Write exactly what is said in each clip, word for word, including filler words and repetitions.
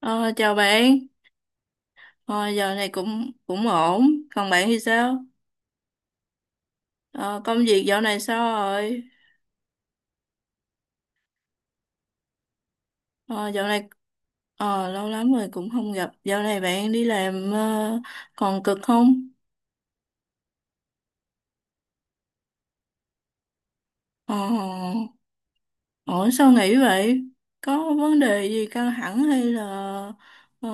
Ờ, chào bạn, ờ, giờ này cũng cũng ổn, còn bạn thì sao? Ờ, công việc dạo này sao rồi? Ờ, dạo này ờ, lâu lắm rồi cũng không gặp, dạo này bạn đi làm ờ, còn cực không? Ờ, ổn sao nghỉ vậy? Có vấn đề gì căng thẳng hay là ờ,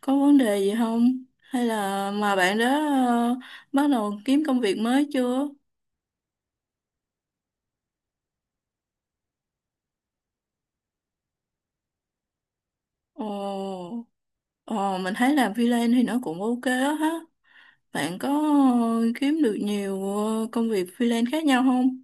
có vấn đề gì không? Hay là mà bạn đã ờ, bắt đầu kiếm công việc mới chưa? Ồ, ờ, mình thấy làm freelance thì nó cũng ok á ha. Bạn có ờ, kiếm được nhiều ờ, công việc freelance khác nhau không?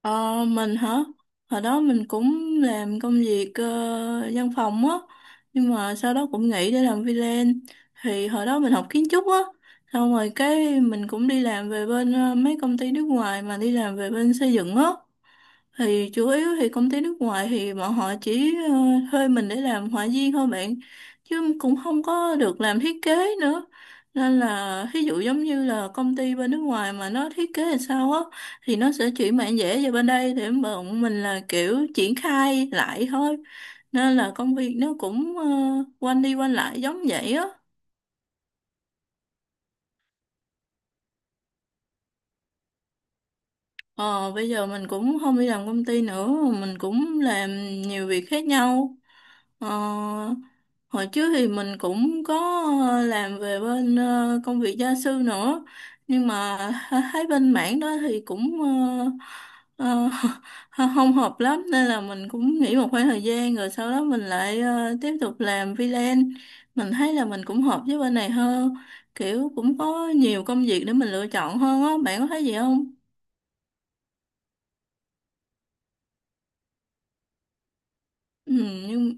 Ờ, mình hả? Hồi đó mình cũng làm công việc ờ, văn phòng á, nhưng mà sau đó cũng nghỉ để làm freelance. Thì hồi đó mình học kiến trúc á, xong rồi cái mình cũng đi làm về bên ờ, mấy công ty nước ngoài mà đi làm về bên xây dựng á. Thì chủ yếu thì công ty nước ngoài thì bọn họ chỉ ờ, thuê mình để làm họa viên thôi bạn, chứ cũng không có được làm thiết kế nữa, nên là ví dụ giống như là công ty bên nước ngoài mà nó thiết kế làm sao á thì nó sẽ chuyển bản vẽ về bên đây để bọn mình là kiểu triển khai lại thôi, nên là công việc nó cũng ờ, quanh đi quanh lại giống vậy á. Ờ, bây giờ mình cũng không đi làm công ty nữa, mình cũng làm nhiều việc khác nhau. Ờ, hồi trước thì mình cũng có ờ, làm về bên ờ, công việc gia sư nữa, nhưng mà th- thấy bên mảng đó thì cũng ờ, ờ, không hợp lắm, nên là mình cũng nghỉ một khoảng thời gian rồi sau đó mình lại ờ, tiếp tục làm freelance. Mình thấy là mình cũng hợp với bên này hơn, kiểu cũng có nhiều công việc để mình lựa chọn hơn á, bạn có thấy gì không? Ừ, nhưng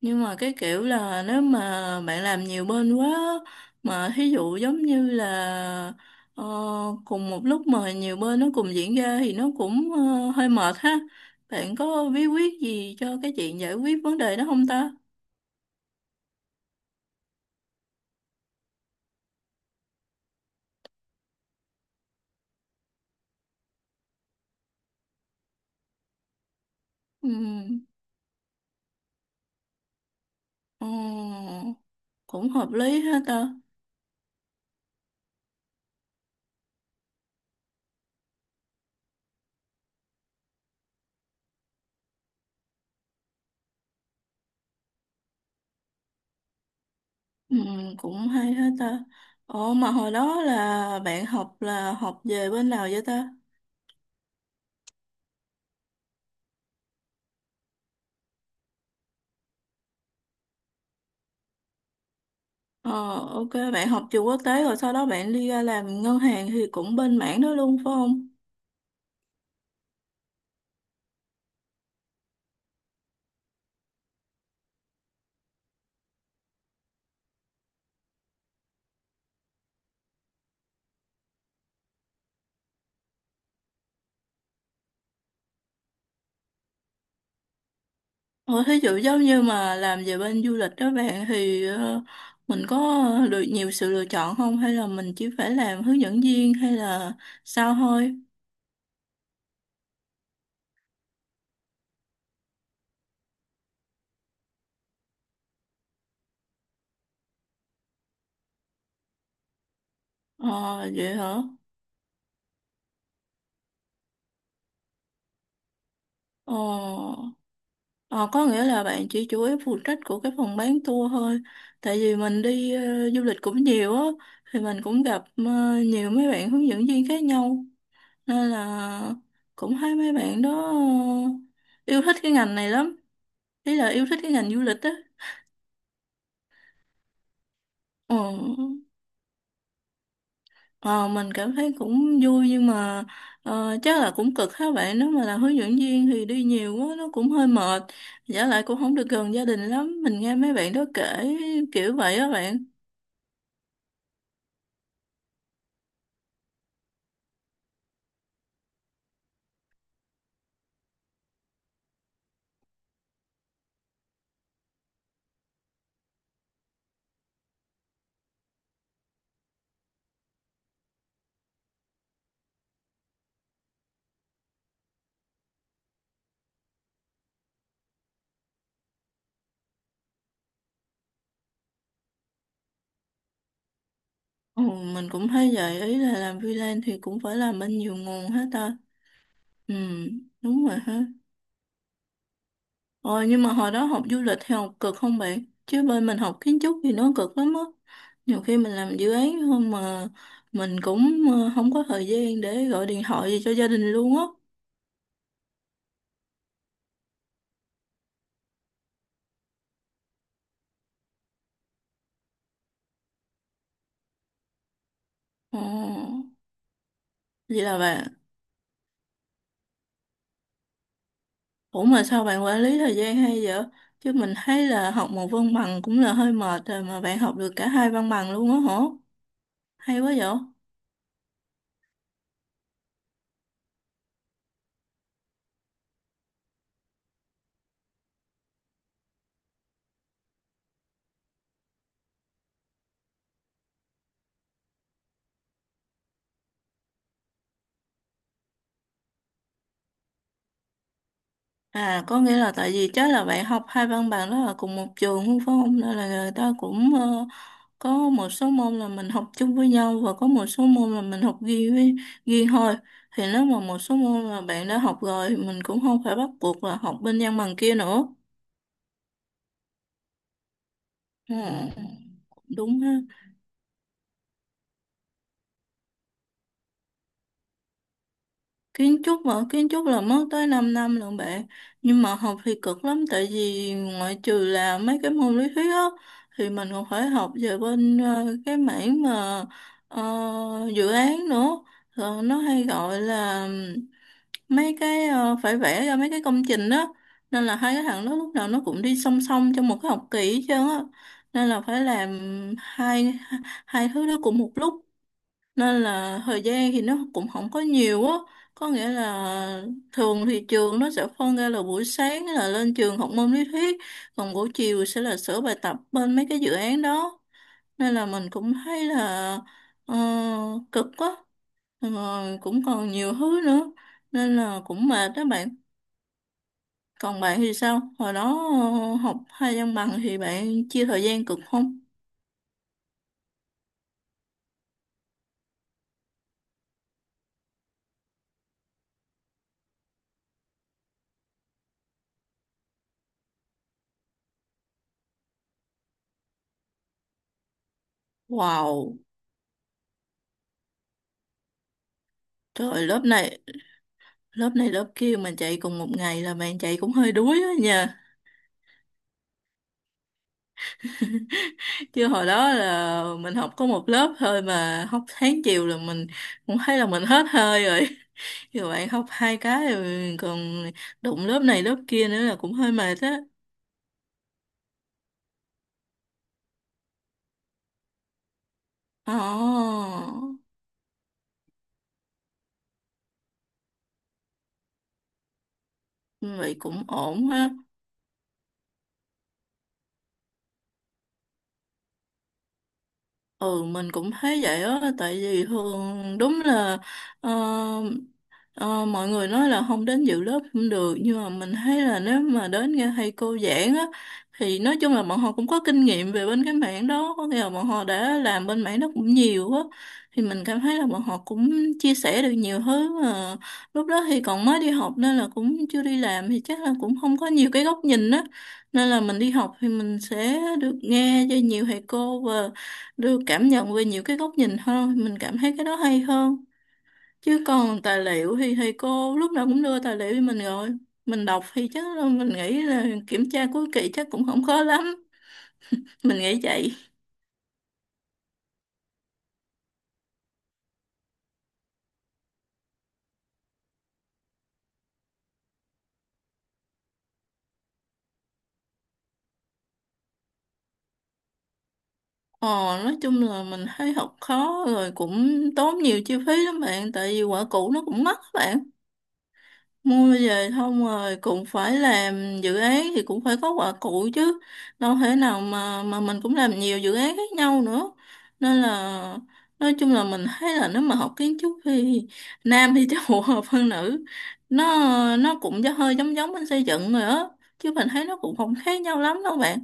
Nhưng mà cái kiểu là nếu mà bạn làm nhiều bên quá á, mà thí dụ giống như là ờ, cùng một lúc mà nhiều bên nó cùng diễn ra thì nó cũng ờ, hơi mệt ha. Bạn có bí quyết gì cho cái chuyện giải quyết vấn đề đó không ta? Ừ, ờ, cũng hợp lý ha ta. Ừ, cũng hay ha ta. Ồ mà hồi đó là bạn học là học về bên nào vậy ta? Ờ, ok, bạn học trường quốc tế rồi sau đó bạn đi ra làm ngân hàng thì cũng bên mảng đó luôn phải không? Ờ, thí dụ giống như mà làm về bên du lịch đó bạn thì ờ, mình có được nhiều sự lựa chọn không? Hay là mình chỉ phải làm hướng dẫn viên hay là sao thôi? Ờ, vậy hả? Ờ, ờ, có nghĩa là bạn chỉ chủ yếu phụ trách của cái phòng bán tour thôi. Tại vì mình đi ờ, du lịch cũng nhiều á, thì mình cũng gặp ờ, nhiều mấy bạn hướng dẫn viên khác nhau, nên là cũng thấy mấy bạn đó ờ, yêu thích cái ngành này lắm, ý là yêu thích cái ngành du lịch á. ờ, ờ, mình cảm thấy cũng vui nhưng mà ờ, chắc là cũng cực các bạn, nếu mà là hướng dẫn viên thì đi nhiều quá nó cũng hơi mệt, giả lại cũng không được gần gia đình lắm, mình nghe mấy bạn đó kể kiểu vậy á bạn. Ừ, mình cũng thấy vậy, ý là làm freelance thì cũng phải làm bên nhiều nguồn hết ta. Ừ, đúng rồi ha. Ờ, nhưng mà hồi đó học du lịch thì học cực không bạn? Chứ bên mình học kiến trúc thì nó cực lắm á. Nhiều khi mình làm dự án không mà mình cũng ờ, không có thời gian để gọi điện thoại gì cho gia đình luôn á. Ờ, vậy là bạn. Ủa mà sao bạn quản lý thời gian hay vậy? Chứ mình thấy là học một văn bằng cũng là hơi mệt rồi mà bạn học được cả hai văn bằng luôn á hả? Hay quá vậy? À, có nghĩa là tại vì chắc là bạn học hai văn bằng đó là cùng một trường luôn phải không? Nên là người ta cũng ờ, có một số môn là mình học chung với nhau và có một số môn là mình học riêng với riêng thôi. Thì nếu mà một số môn mà bạn đã học rồi mình cũng không phải bắt buộc là học bên văn bằng kia nữa. Ừ, đúng ha. Kiến trúc mà kiến trúc là mất tới 5 năm lận bạn, nhưng mà học thì cực lắm, tại vì ngoại trừ là mấy cái môn lý thuyết á thì mình còn phải học về bên ờ, cái mảng mà ờ, dự án nữa. Rồi nó hay gọi là mấy cái ờ, phải vẽ ra mấy cái công trình đó, nên là hai cái thằng đó lúc nào nó cũng đi song song trong một cái học kỳ hết trơn á, nên là phải làm hai hai thứ đó cùng một lúc, nên là thời gian thì nó cũng không có nhiều á. Có nghĩa là thường thì trường nó sẽ phân ra là buổi sáng là lên trường học môn lý thuyết, còn buổi chiều sẽ là sửa bài tập bên mấy cái dự án đó, nên là mình cũng thấy là ờ, cực quá, rồi cũng còn nhiều thứ nữa nên là cũng mệt đó bạn. Còn bạn thì sao hồi đó ờ, học hai văn bằng thì bạn chia thời gian cực không? Wow, trời lớp này lớp này lớp kia mà chạy cùng một ngày là bạn chạy cũng hơi đuối đó nha. Chứ hồi đó là mình học có một lớp thôi mà học sáng chiều là mình cũng thấy là mình hết hơi rồi. Giờ bạn học hai cái rồi còn đụng lớp này lớp kia nữa là cũng hơi mệt á. Ồ vậy cũng ổn ha. Ừ, mình cũng thấy vậy á, tại vì thường đúng là ờ, ờ, mọi người nói là không đến dự lớp không được, nhưng mà mình thấy là nếu mà đến nghe thầy cô giảng á thì nói chung là bọn họ cũng có kinh nghiệm về bên cái mảng đó, có nghĩa là bọn họ đã làm bên mảng đó cũng nhiều á, thì mình cảm thấy là bọn họ cũng chia sẻ được nhiều thứ, mà lúc đó thì còn mới đi học nên là cũng chưa đi làm thì chắc là cũng không có nhiều cái góc nhìn á, nên là mình đi học thì mình sẽ được nghe cho nhiều thầy cô đưa cảm nhận về nhiều cái góc nhìn hơn, mình cảm thấy cái đó hay hơn. Chứ còn tài liệu thì thầy cô lúc nào cũng đưa tài liệu cho mình rồi, mình đọc thì chắc là mình nghĩ là kiểm tra cuối kỳ chắc cũng không khó lắm, mình nghĩ vậy. ờ nói chung là mình thấy học khó rồi cũng tốn nhiều chi phí lắm bạn, tại vì quả cũ nó cũng mắc bạn, mua về không rồi cũng phải làm dự án thì cũng phải có quả cụ chứ, đâu thể nào mà mà mình cũng làm nhiều dự án khác nhau nữa, nên là nói chung là mình thấy là nếu mà học kiến trúc thì nam thì chắc phù hợp hơn nữ. nó nó cũng hơi giống giống bên xây dựng rồi á, chứ mình thấy nó cũng không khác nhau lắm đâu bạn.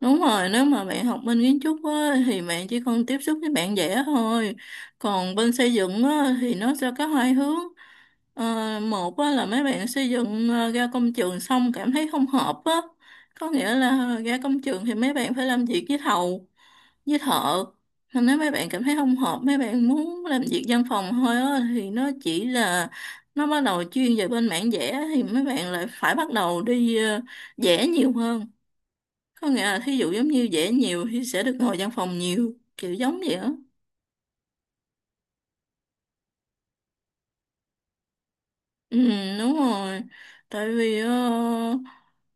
Đúng rồi, nếu mà bạn học bên kiến trúc á, thì bạn chỉ cần tiếp xúc với bạn vẽ thôi. Còn bên xây dựng á, thì nó sẽ có hai hướng. Ờ, một á, là mấy bạn xây dựng ờ, ra công trường xong cảm thấy không hợp á. Có nghĩa là ra công trường thì mấy bạn phải làm việc với thầu, với thợ. Nên nếu mấy bạn cảm thấy không hợp, mấy bạn muốn làm việc văn phòng thôi á, thì nó chỉ là nó bắt đầu chuyên về bên mảng vẽ thì mấy bạn lại phải bắt đầu đi ờ, vẽ nhiều hơn. Có nghĩa là thí dụ giống như vẽ nhiều thì sẽ được ngồi văn phòng nhiều, kiểu giống vậy á. Ừ, đúng rồi. Tại vì ờ,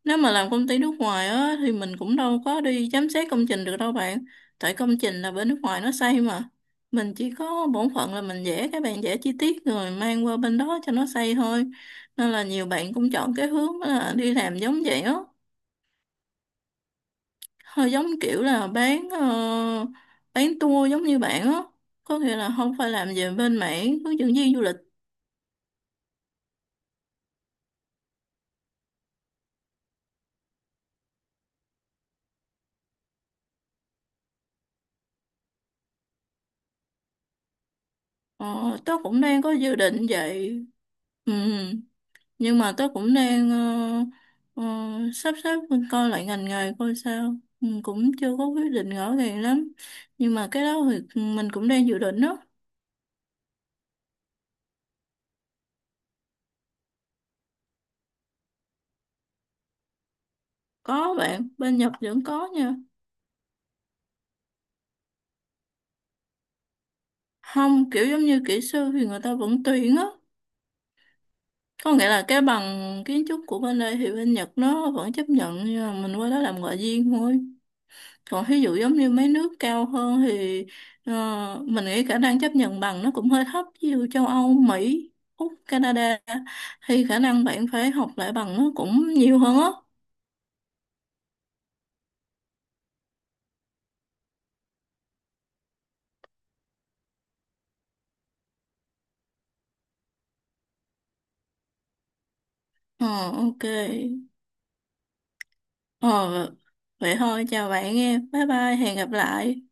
nếu mà làm công ty nước ngoài á thì mình cũng đâu có đi giám sát công trình được đâu bạn. Tại công trình là bên nước ngoài nó xây mà. Mình chỉ có bổn phận là mình vẽ cái bạn vẽ chi tiết rồi mang qua bên đó cho nó xây thôi. Nên là nhiều bạn cũng chọn cái hướng là đi làm giống vậy á. Họ giống kiểu là bán ờ, bán tour giống như bạn á, có nghĩa là không phải làm về bên mảng hướng dẫn viên du lịch. ờ, Tớ cũng đang có dự định vậy. Ừ, nhưng mà tớ cũng đang ờ, ờ, sắp xếp coi lại ngành nghề coi sao. Ừ, cũng chưa có quyết định rõ ràng lắm, nhưng mà cái đó thì mình cũng đang dự định đó. Có bạn bên Nhật vẫn có nha. Không, kiểu giống như kỹ sư thì người ta vẫn tuyển á, có nghĩa là cái bằng kiến trúc của bên đây thì bên Nhật nó vẫn chấp nhận, nhưng mà mình qua đó làm ngoại viên thôi. Còn ví dụ giống như mấy nước cao hơn thì ờ, mình nghĩ khả năng chấp nhận bằng nó cũng hơi thấp, ví dụ châu Âu, Mỹ, Úc, Canada thì khả năng bạn phải học lại bằng nó cũng nhiều hơn á. Ờ, ok. Ờ, vậy thôi, chào bạn nghe, bye bye, hẹn gặp lại.